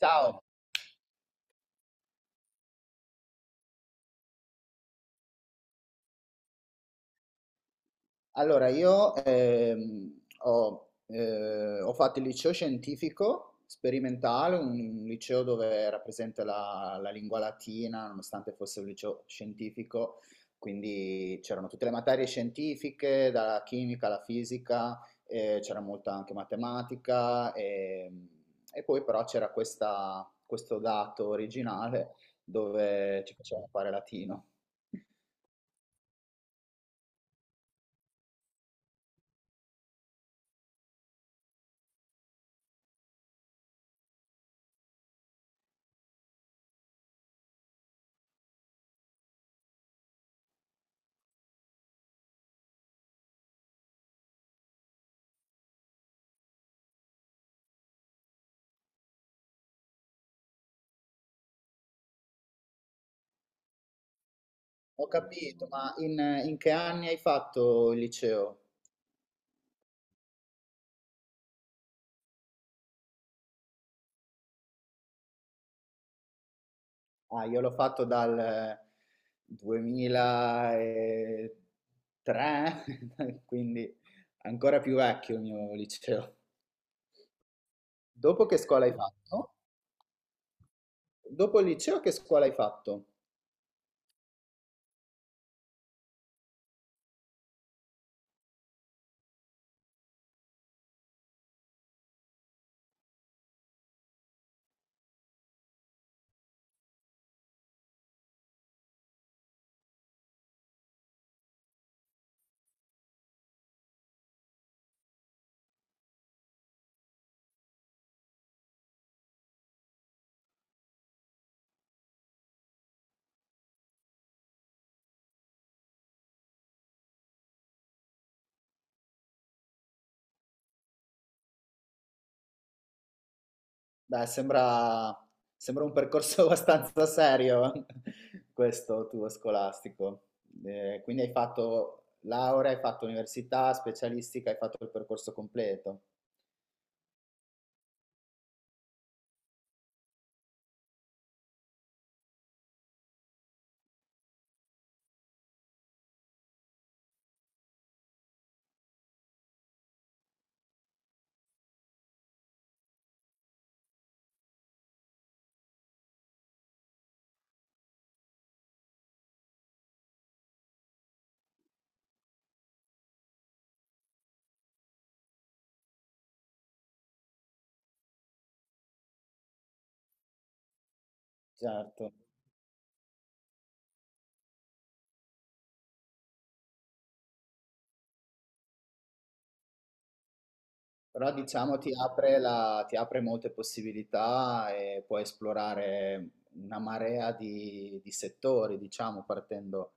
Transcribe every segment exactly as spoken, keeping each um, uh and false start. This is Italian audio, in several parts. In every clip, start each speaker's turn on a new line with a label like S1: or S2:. S1: Ciao, allora io ehm, ho, eh, ho fatto il liceo scientifico sperimentale, un liceo dove era presente la, la lingua latina, nonostante fosse un liceo scientifico, quindi c'erano tutte le materie scientifiche, dalla chimica alla fisica, eh, c'era molta anche matematica, e, e poi però c'era questa- questo dato originale dove ci facevano fare latino. Ho capito, ma in, in che anni hai fatto il liceo? Ah, io l'ho fatto dal duemilatré, quindi ancora più vecchio il mio liceo. Dopo che scuola hai fatto? Dopo il liceo che scuola hai fatto? Beh, sembra, sembra un percorso abbastanza serio questo tuo scolastico. Eh, quindi hai fatto laurea, hai fatto università, specialistica, hai fatto il percorso completo. Certo. Però diciamo ti apre, la- ti apre molte possibilità e puoi esplorare una marea di, di settori, diciamo, partendo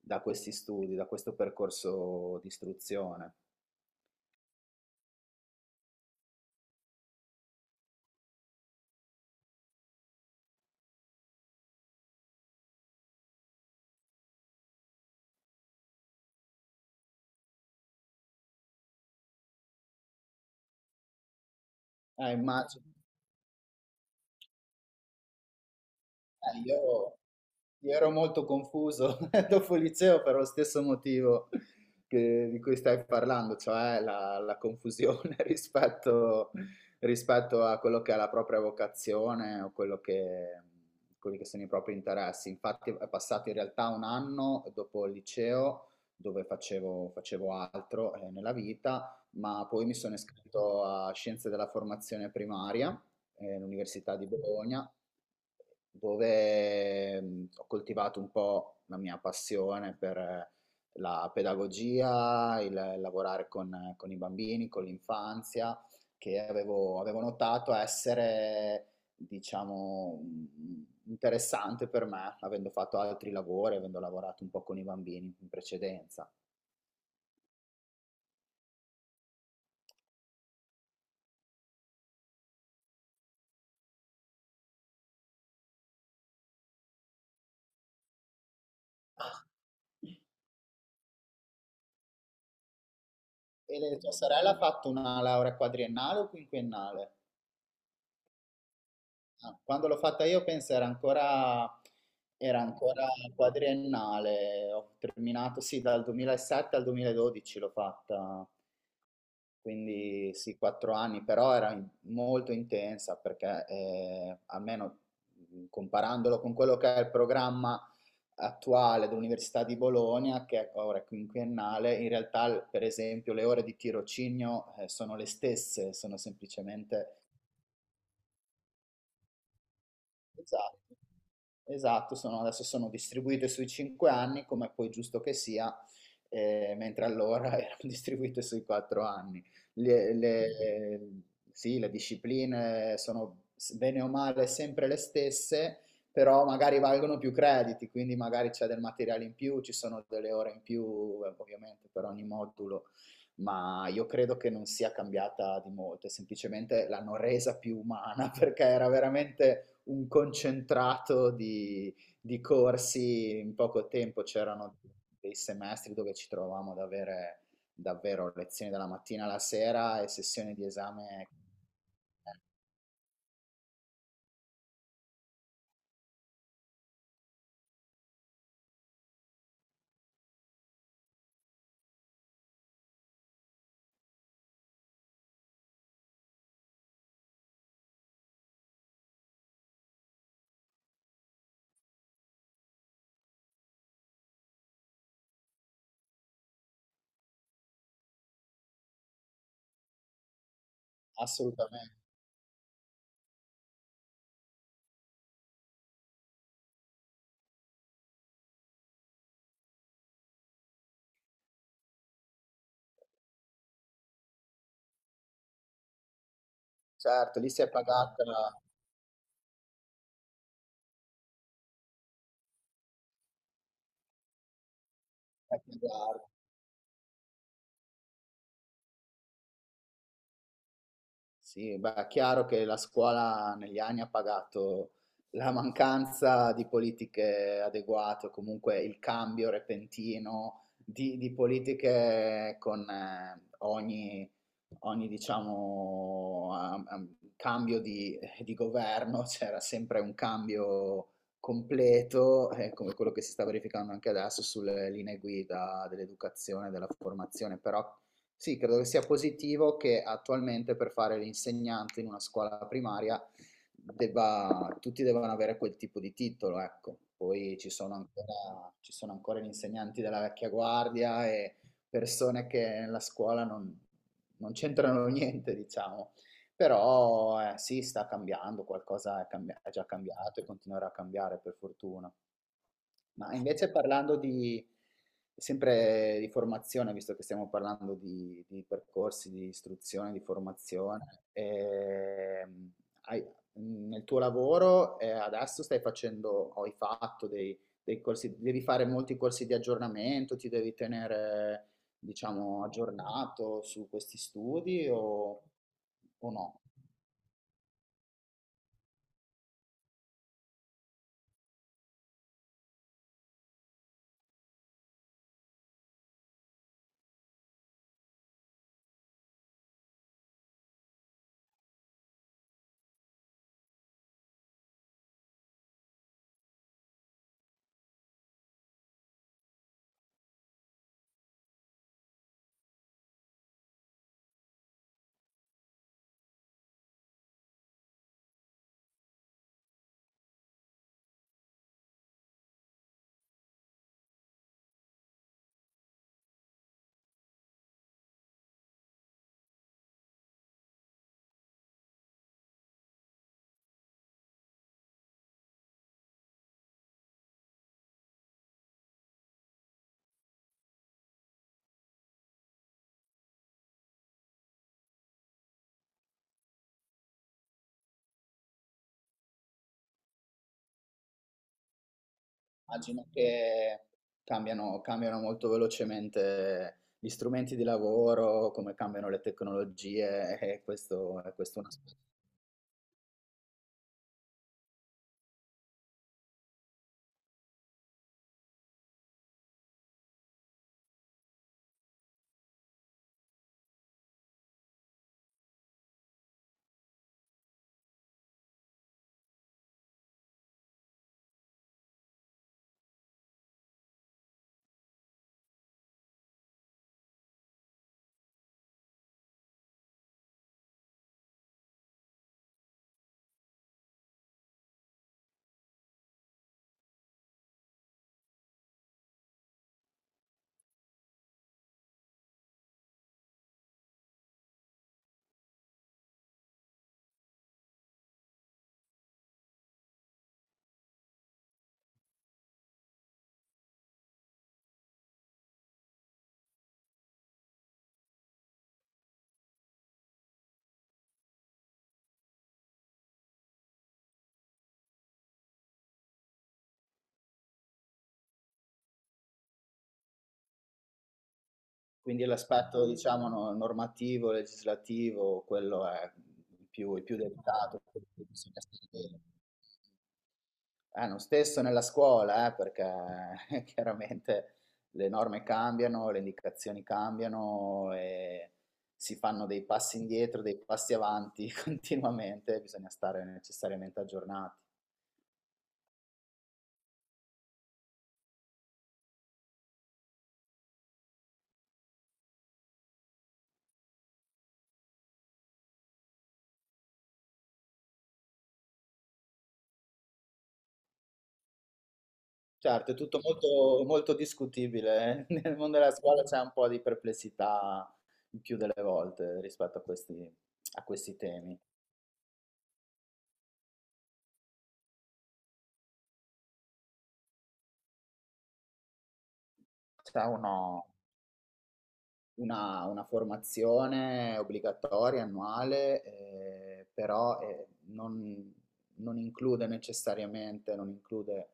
S1: da questi studi, da questo percorso di istruzione. Eh, immagino. Eh, io, Io ero molto confuso dopo il liceo per lo stesso motivo che- di cui stai parlando, cioè la, la confusione rispetto, rispetto a quello che è la propria vocazione o quello che, quelli che sono i propri interessi. Infatti è passato in realtà un anno dopo il liceo dove facevo, facevo altro eh, nella vita, ma poi mi sono iscritto a Scienze della Formazione Primaria eh, all'Università di Bologna dove mh, ho coltivato un po' la mia passione per la pedagogia, il lavorare con, con i bambini, con l'infanzia, che avevo, avevo notato essere, diciamo, mh, interessante per me, avendo fatto altri lavori, avendo lavorato un po' con i bambini in precedenza. E le- tua sorella ha fatto una laurea quadriennale o quinquennale? Ah, quando l'ho fatta io penso era ancora, era ancora quadriennale, ho terminato sì dal duemilasette al duemiladodici l'ho fatta, quindi sì, quattro anni, però era in- molto intensa perché eh, almeno mh, comparandolo con quello che è il programma attuale dell'Università di Bologna, che è- ora è quinquennale, in realtà l- per esempio le ore di tirocinio eh, sono le stesse, sono semplicemente esatto. Esatto, sono adesso sono distribuite sui cinque anni, come poi è giusto che sia, eh, mentre allora erano distribuite sui quattro anni. Le, le- eh, sì, le discipline sono s- bene o male sempre le stesse, però magari valgono più crediti, quindi magari c'è del materiale in più, ci sono delle ore in più, eh, ovviamente, per ogni modulo, ma io credo che non sia cambiata di molto, semplicemente l'hanno resa più umana perché era veramente un concentrato di, di corsi in poco tempo, c'erano dei semestri dove ci trovavamo ad avere davvero lezioni dalla mattina alla sera e sessioni di esame assolutamente. Certo, lì si è pagata la sì, beh, è chiaro che la scuola negli anni ha pagato la mancanza di politiche adeguate, o comunque il cambio repentino di, di politiche con eh, ogni, ogni, diciamo, am- am- cambio di, di governo, c'era sempre un cambio completo, eh, come quello che si sta verificando anche adesso sulle linee guida dell'educazione e della formazione, però sì, credo che sia positivo che attualmente per fare l'insegnante in una scuola primaria debba- tutti debbano avere quel tipo di titolo, ecco. Poi ci sono ancora, ci sono ancora gli insegnanti della vecchia guardia e persone che nella scuola non, non c'entrano niente, diciamo. Però eh, sì, sta cambiando, qualcosa è, cambia- è già cambiato e continuerà a cambiare per fortuna. Ma invece parlando di, sempre di formazione, visto che stiamo parlando di, di percorsi di istruzione, di formazione, ehm, hai- nel tuo lavoro eh, adesso stai facendo, o hai fatto dei, dei corsi, devi fare molti corsi di aggiornamento, ti devi tenere, diciamo, aggiornato su questi studi o, o no? Immagino che cambiano, cambiano molto velocemente gli strumenti di lavoro, come cambiano le tecnologie, e questo, e questo è un aspetto. Quindi l'aspetto, diciamo, no- normativo, legislativo, quello è il più, il più delicato, quello che bisogna stare bene. Eh, lo stesso nella scuola, eh, perché chiaramente le norme cambiano, le indicazioni cambiano e si fanno dei passi indietro, dei passi avanti continuamente, bisogna stare necessariamente aggiornati. Certo, è tutto molto, molto discutibile. Eh. Nel mondo della scuola c'è un po' di perplessità il più delle volte rispetto a questi, a questi temi. C'è uno, Una, una formazione obbligatoria, annuale, eh, però eh, non, non include necessariamente, non include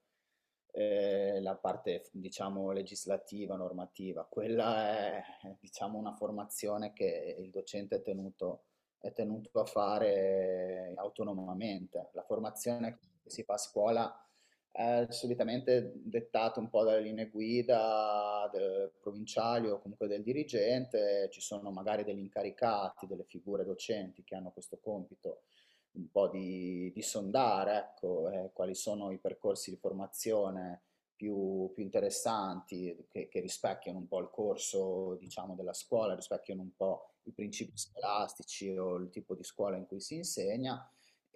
S1: eh, la parte, diciamo, legislativa, normativa. Quella è, diciamo, una formazione che il docente è tenuto, è tenuto a fare autonomamente. La formazione che si fa a scuola è solitamente dettato un po' dalle linee guida del provinciali o comunque del dirigente, ci sono magari degli incaricati, delle figure docenti che hanno questo compito un po' di, di sondare, ecco, eh, quali sono i percorsi di formazione più, più interessanti, che, che rispecchiano un po' il corso, diciamo, della scuola, rispecchiano un po' i principi scolastici o il tipo di scuola in cui si insegna,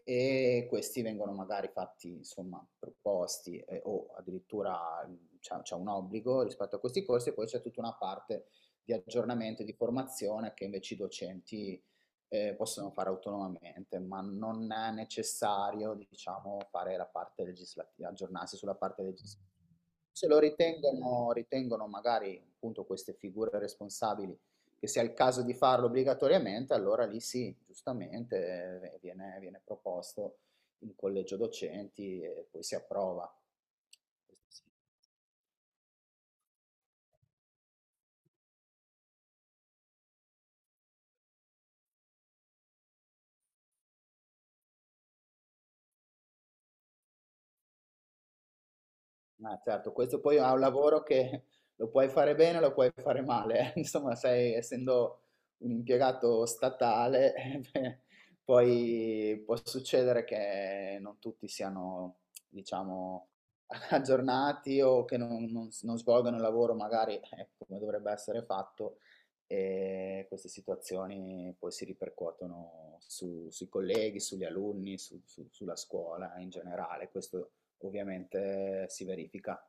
S1: e questi vengono magari fatti, insomma, proposti eh, o addirittura mh, c'è c'è un obbligo rispetto a questi corsi e poi c'è tutta una parte di aggiornamento e di formazione che invece i docenti eh, possono fare autonomamente, ma non è necessario, diciamo, fare la parte legislativa, aggiornarsi sulla parte legislativa. Se lo ritengono, ritengono magari appunto queste figure responsabili che sia il caso di farlo obbligatoriamente, allora lì sì, giustamente eh, viene, viene proposto in collegio docenti e poi si approva. Questo sì. Ah, certo, questo poi è un lavoro che lo puoi fare bene, lo puoi fare male, eh. Insomma, sei, essendo un impiegato statale, beh, poi può succedere che non tutti siano, diciamo, aggiornati o che non, non s- non svolgano il lavoro magari eh, come dovrebbe essere fatto e queste situazioni poi si ripercuotono su- sui colleghi, sugli alunni, su- su- sulla scuola in generale. Questo ovviamente si verifica.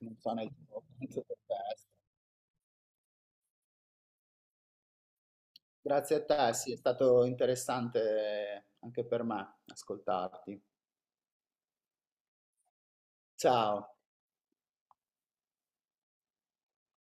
S1: Non so nel tuo caso per te. Grazie a te, sì, è stato interessante anche per me ascoltarti. Ciao.